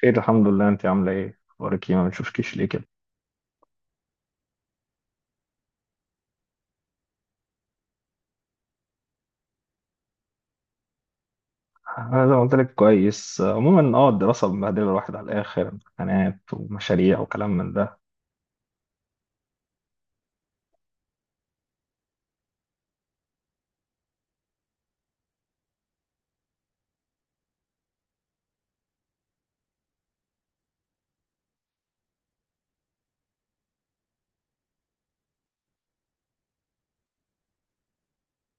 خير، الحمد لله. انت عامله ايه؟ اخبارك ايه؟ ما بنشوفكيش ليه كده؟ انا زي ما قلت لك كويس. عموما الدراسه مبهدله الواحد على الاخر، امتحانات ومشاريع وكلام من ده.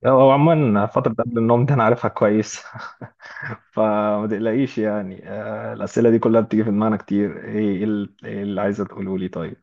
او عموما فتره قبل النوم دي انا عارفها كويس. فما تقلقيش يعني. الاسئله دي كلها بتيجي في دماغنا كتير. ايه اللي عايزه تقوله لي؟ طيب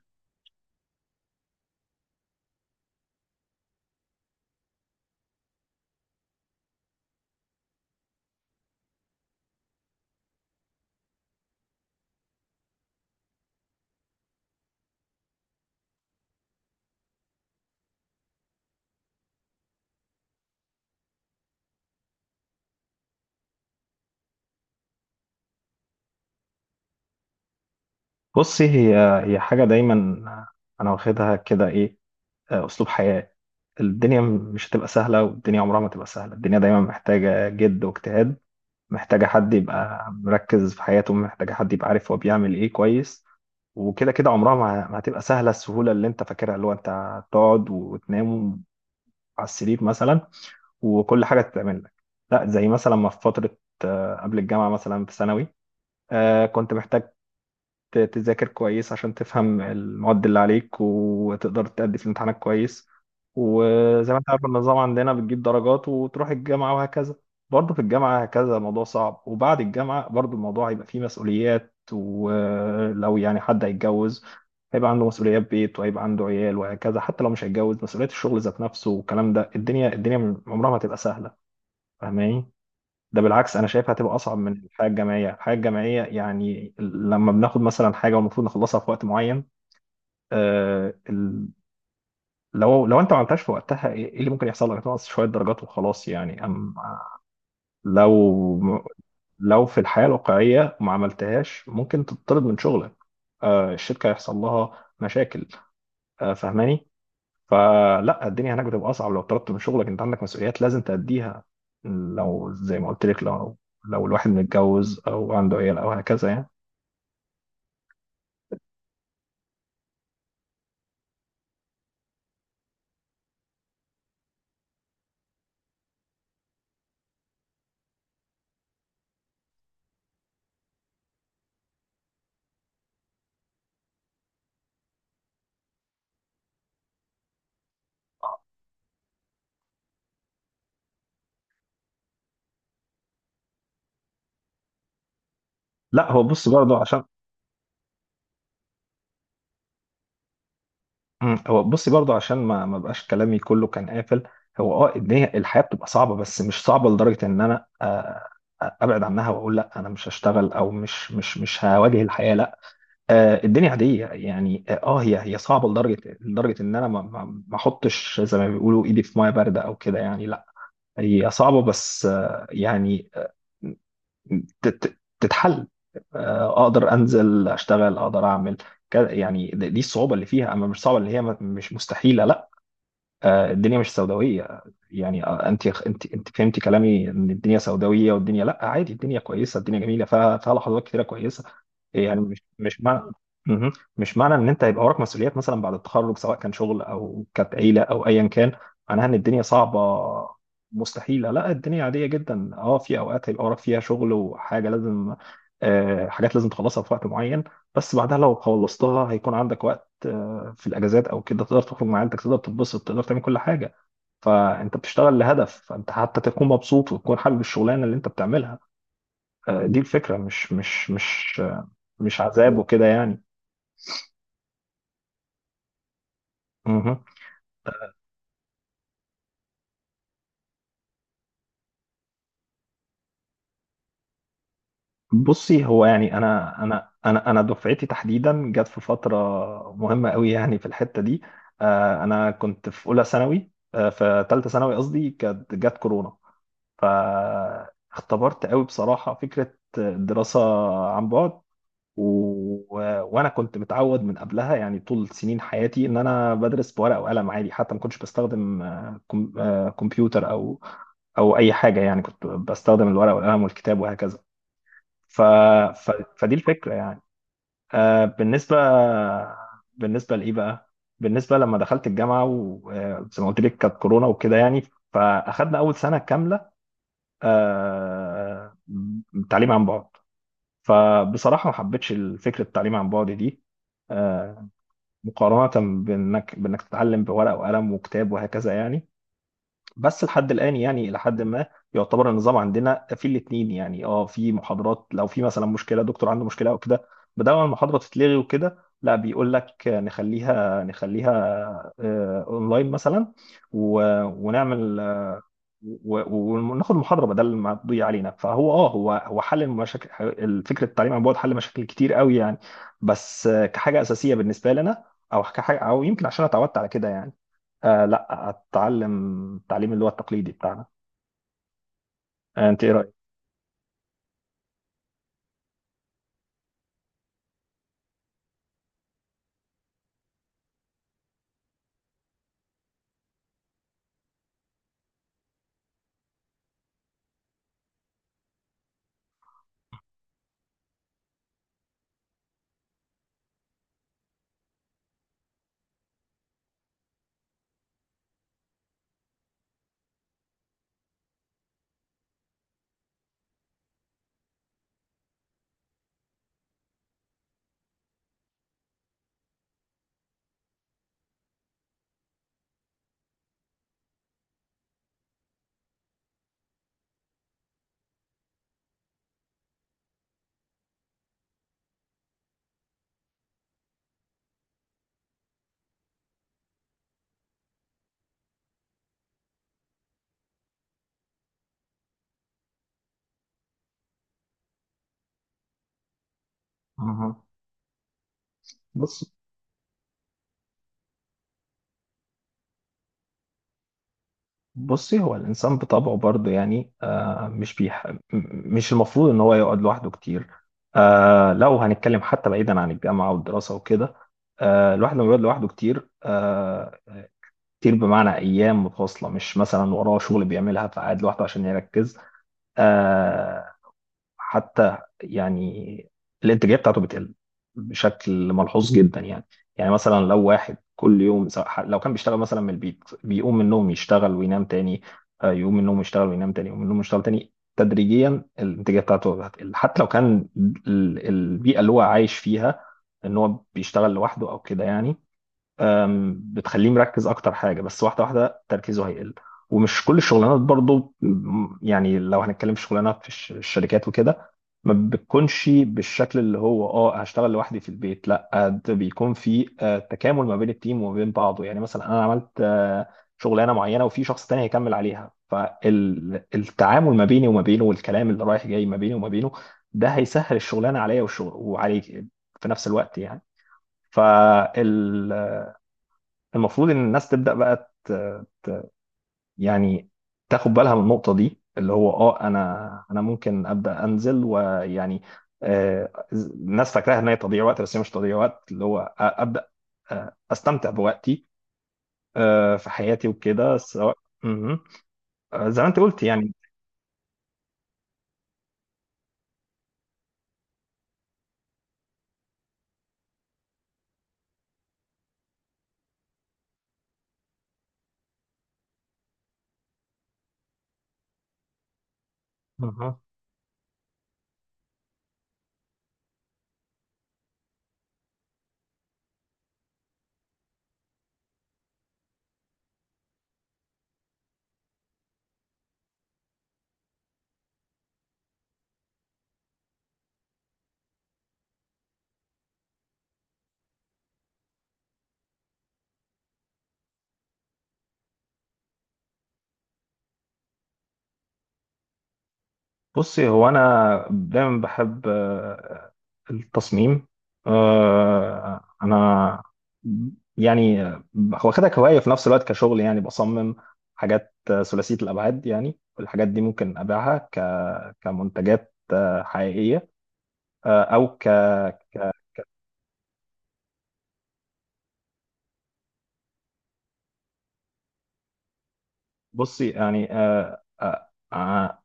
بصي، هي حاجه دايما انا واخدها كده، ايه، اسلوب حياه. الدنيا مش هتبقى سهله، والدنيا عمرها ما تبقى سهله. الدنيا دايما محتاجه جد واجتهاد، محتاجة حد يبقى مركز في حياته، محتاجة حد يبقى عارف هو بيعمل ايه كويس. وكده كده عمرها ما هتبقى سهلة. السهولة اللي انت فاكرها اللي هو انت تقعد وتنام على السرير مثلا وكل حاجة تتعمل لك، لا. زي مثلا ما في فترة قبل الجامعة مثلا في ثانوي، كنت محتاج تذاكر كويس عشان تفهم المواد اللي عليك وتقدر تأدي في الامتحانات كويس. وزي ما انت عارف النظام عندنا بتجيب درجات وتروح الجامعة وهكذا. برضه في الجامعة هكذا الموضوع صعب، وبعد الجامعة برضه الموضوع هيبقى فيه مسؤوليات، ولو يعني حد هيتجوز هيبقى عنده مسؤوليات بيت وهيبقى عنده عيال وهكذا. حتى لو مش هيتجوز مسؤوليات الشغل ذات نفسه والكلام ده، الدنيا عمرها ما تبقى سهلة. فاهماني؟ ده بالعكس، انا شايفها هتبقى اصعب من الحياه الجامعيه. الحياه الجامعيه يعني لما بناخد مثلا حاجه والمفروض نخلصها في وقت معين، آه ال- لو انت ما عملتهاش في وقتها إيه اللي ممكن يحصل لك؟ تنقص شويه درجات وخلاص يعني. اما لو لو في الحياه الواقعيه ما عملتهاش ممكن تطرد من شغلك، الشركه يحصل لها مشاكل، فاهماني؟ فلا، الدنيا هناك بتبقى اصعب. لو طردت من شغلك انت عندك مسؤوليات لازم تأديها، لو زي ما قلت لك، لو الواحد متجوز او عنده عيال او هكذا يعني. لا، هو بص برضه عشان هو بصي برضه عشان ما بقاش كلامي كله كان قافل. هو اه ان هي الحياه بتبقى صعبه، بس مش صعبه لدرجه ان انا ابعد عنها واقول لا انا مش هشتغل او مش هواجه الحياه، لا. الدنيا عاديه يعني. اه هي صعبه لدرجه ان انا ما احطش زي ما بيقولوا ايدي في ميه بارده او كده يعني، لا. هي صعبه بس يعني آه، تتحل. اقدر انزل اشتغل، اقدر اعمل كده يعني. دي الصعوبه اللي فيها، اما مش صعبه اللي هي مش مستحيله، لا. الدنيا مش سوداويه يعني. انت فهمتي كلامي ان الدنيا سوداويه، والدنيا، لا، عادي. الدنيا كويسه، الدنيا جميله فيها، لحظات كتيره كويسه يعني. مش مش معنى، مش معنى ان انت هيبقى وراك مسؤوليات مثلا بعد التخرج، سواء كان شغل او كانت عيله او ايا كان، معناها ان الدنيا صعبه مستحيله، لا. الدنيا عاديه جدا. اه في اوقات هيبقى وراك فيها شغل وحاجه لازم، حاجات لازم تخلصها في وقت معين. بس بعدها لو خلصتها هيكون عندك وقت في الاجازات او كده، تقدر تخرج مع عيلتك، تقدر تتبسط، تقدر تعمل كل حاجه. فانت بتشتغل لهدف، فانت حتى تكون مبسوط وتكون حابب الشغلانه اللي انت بتعملها. دي الفكره، مش عذاب وكده يعني. مهم. بصي هو يعني انا دفعتي تحديدا جت في فتره مهمه قوي يعني، في الحته دي انا كنت في اولى ثانوي، في ثالثه ثانوي قصدي، كانت جت كورونا. فاختبرت قوي بصراحه فكره الدراسه عن بعد. و... وانا كنت متعود من قبلها يعني طول سنين حياتي ان انا بدرس بورقه وقلم عادي. حتى ما كنتش بستخدم آه، كم... آه، كمبيوتر او او اي حاجه. يعني كنت بستخدم الورقه والقلم والكتاب وهكذا. ف... ف... فدي الفكره يعني آه، بالنسبه بالنسبه لايه بقى؟ بالنسبه لما دخلت الجامعه وزي ما قلت لك كانت كورونا وكده يعني، فاخدنا اول سنه كامله آه، تعليم عن بعد. فبصراحة ما حبيتش فكرة التعليم عن بعد دي، آه، مقارنة بإنك تتعلم بورقة وقلم وكتاب وهكذا يعني. بس لحد الآن يعني إلى حد ما يعتبر النظام عندنا في الاتنين يعني. اه في محاضرات لو في مثلا مشكلة دكتور عنده مشكلة أو كده، بدل ما المحاضرة تتلغي وكده، لا، بيقول لك نخليها، أونلاين مثلا، ونعمل وناخد محاضرة بدل ما تضيع علينا. فهو اه هو حل المشاكل. فكرة التعليم عن بعد حل مشاكل كتير قوي يعني. بس كحاجة أساسية بالنسبة لنا أو كحاجة، أو يمكن عشان أنا اتعودت على كده يعني، آه لا، اتعلم التعليم اللي هو التقليدي بتاعنا. آه انت ايه رايك؟ مهم. بص، بصي هو الانسان بطبعه برضه يعني آه مش بيح... م- مش المفروض ان هو يقعد لوحده كتير. لو هنتكلم حتى بعيدا عن الجامعه والدراسه وكده، الواحد لما بيقعد لوحده كتير، كتير بمعنى ايام متواصله مش مثلا وراه شغل بيعملها فقاعد لوحده عشان يركز، آه حتى يعني الانتاجيه بتاعته بتقل بشكل ملحوظ جدا يعني. يعني مثلا لو واحد كل يوم، سواء لو كان بيشتغل مثلا من البيت، بيقوم من النوم يشتغل وينام تاني، يقوم من النوم يشتغل وينام تاني، يقوم من النوم يشتغل تاني، تدريجيا الانتاجيه بتاعته هتقل. حتى لو كان البيئه اللي هو عايش فيها ان هو بيشتغل لوحده او كده يعني، بتخليه مركز اكتر، حاجه بس واحده، تركيزه هيقل. ومش كل الشغلانات برضو، يعني لو هنتكلم في شغلانات في الشركات وكده ما بتكونش بالشكل اللي هو اه هشتغل لوحدي في البيت، لا، ده بيكون في تكامل ما بين التيم وما بين بعضه. يعني مثلا انا عملت شغلانه معينه وفي شخص تاني هيكمل عليها، فالتعامل ما بيني وما بينه والكلام اللي رايح جاي ما بيني وما بينه ده هيسهل الشغلانه عليا والشغل وعليك في نفس الوقت يعني. فال المفروض ان الناس تبدا بقى، ت... يعني تاخد بالها من النقطه دي اللي هو اه، انا ممكن ابدا انزل ويعني. الناس فاكراها ان هي تضييع وقت، بس هي مش تضييع وقت، اللي هو ابدا، استمتع بوقتي في حياتي وكده سواء. مهم. زي ما انت قلت يعني. مهم. بصي هو انا دايما بحب التصميم، انا يعني هو خدها كهوايه في نفس الوقت كشغل يعني. بصمم حاجات ثلاثيه الابعاد يعني، والحاجات دي ممكن ابيعها كمنتجات حقيقيه، او ك. بصي يعني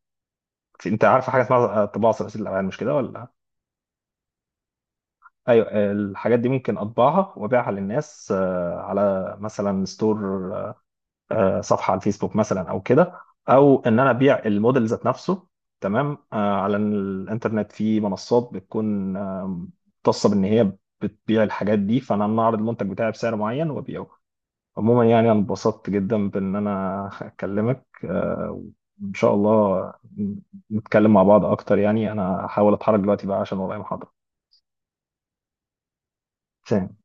انت عارفه حاجه اسمها طباعه ثلاثيه الابعاد، مش كده ولا؟ ايوه، الحاجات دي ممكن اطبعها وابيعها للناس على مثلا ستور، صفحه على الفيسبوك مثلا او كده، او ان انا ابيع الموديل ذات نفسه تمام، على الانترنت في منصات بتكون مختصه بان هي بتبيع الحاجات دي. فانا اعرض المنتج بتاعي بسعر معين وابيعه. عموما يعني انا انبسطت جدا بان انا اكلمك، وان شاء الله نتكلم مع بعض اكتر يعني. انا هحاول اتحرك دلوقتي بقى عشان ورايا محاضره. سلام.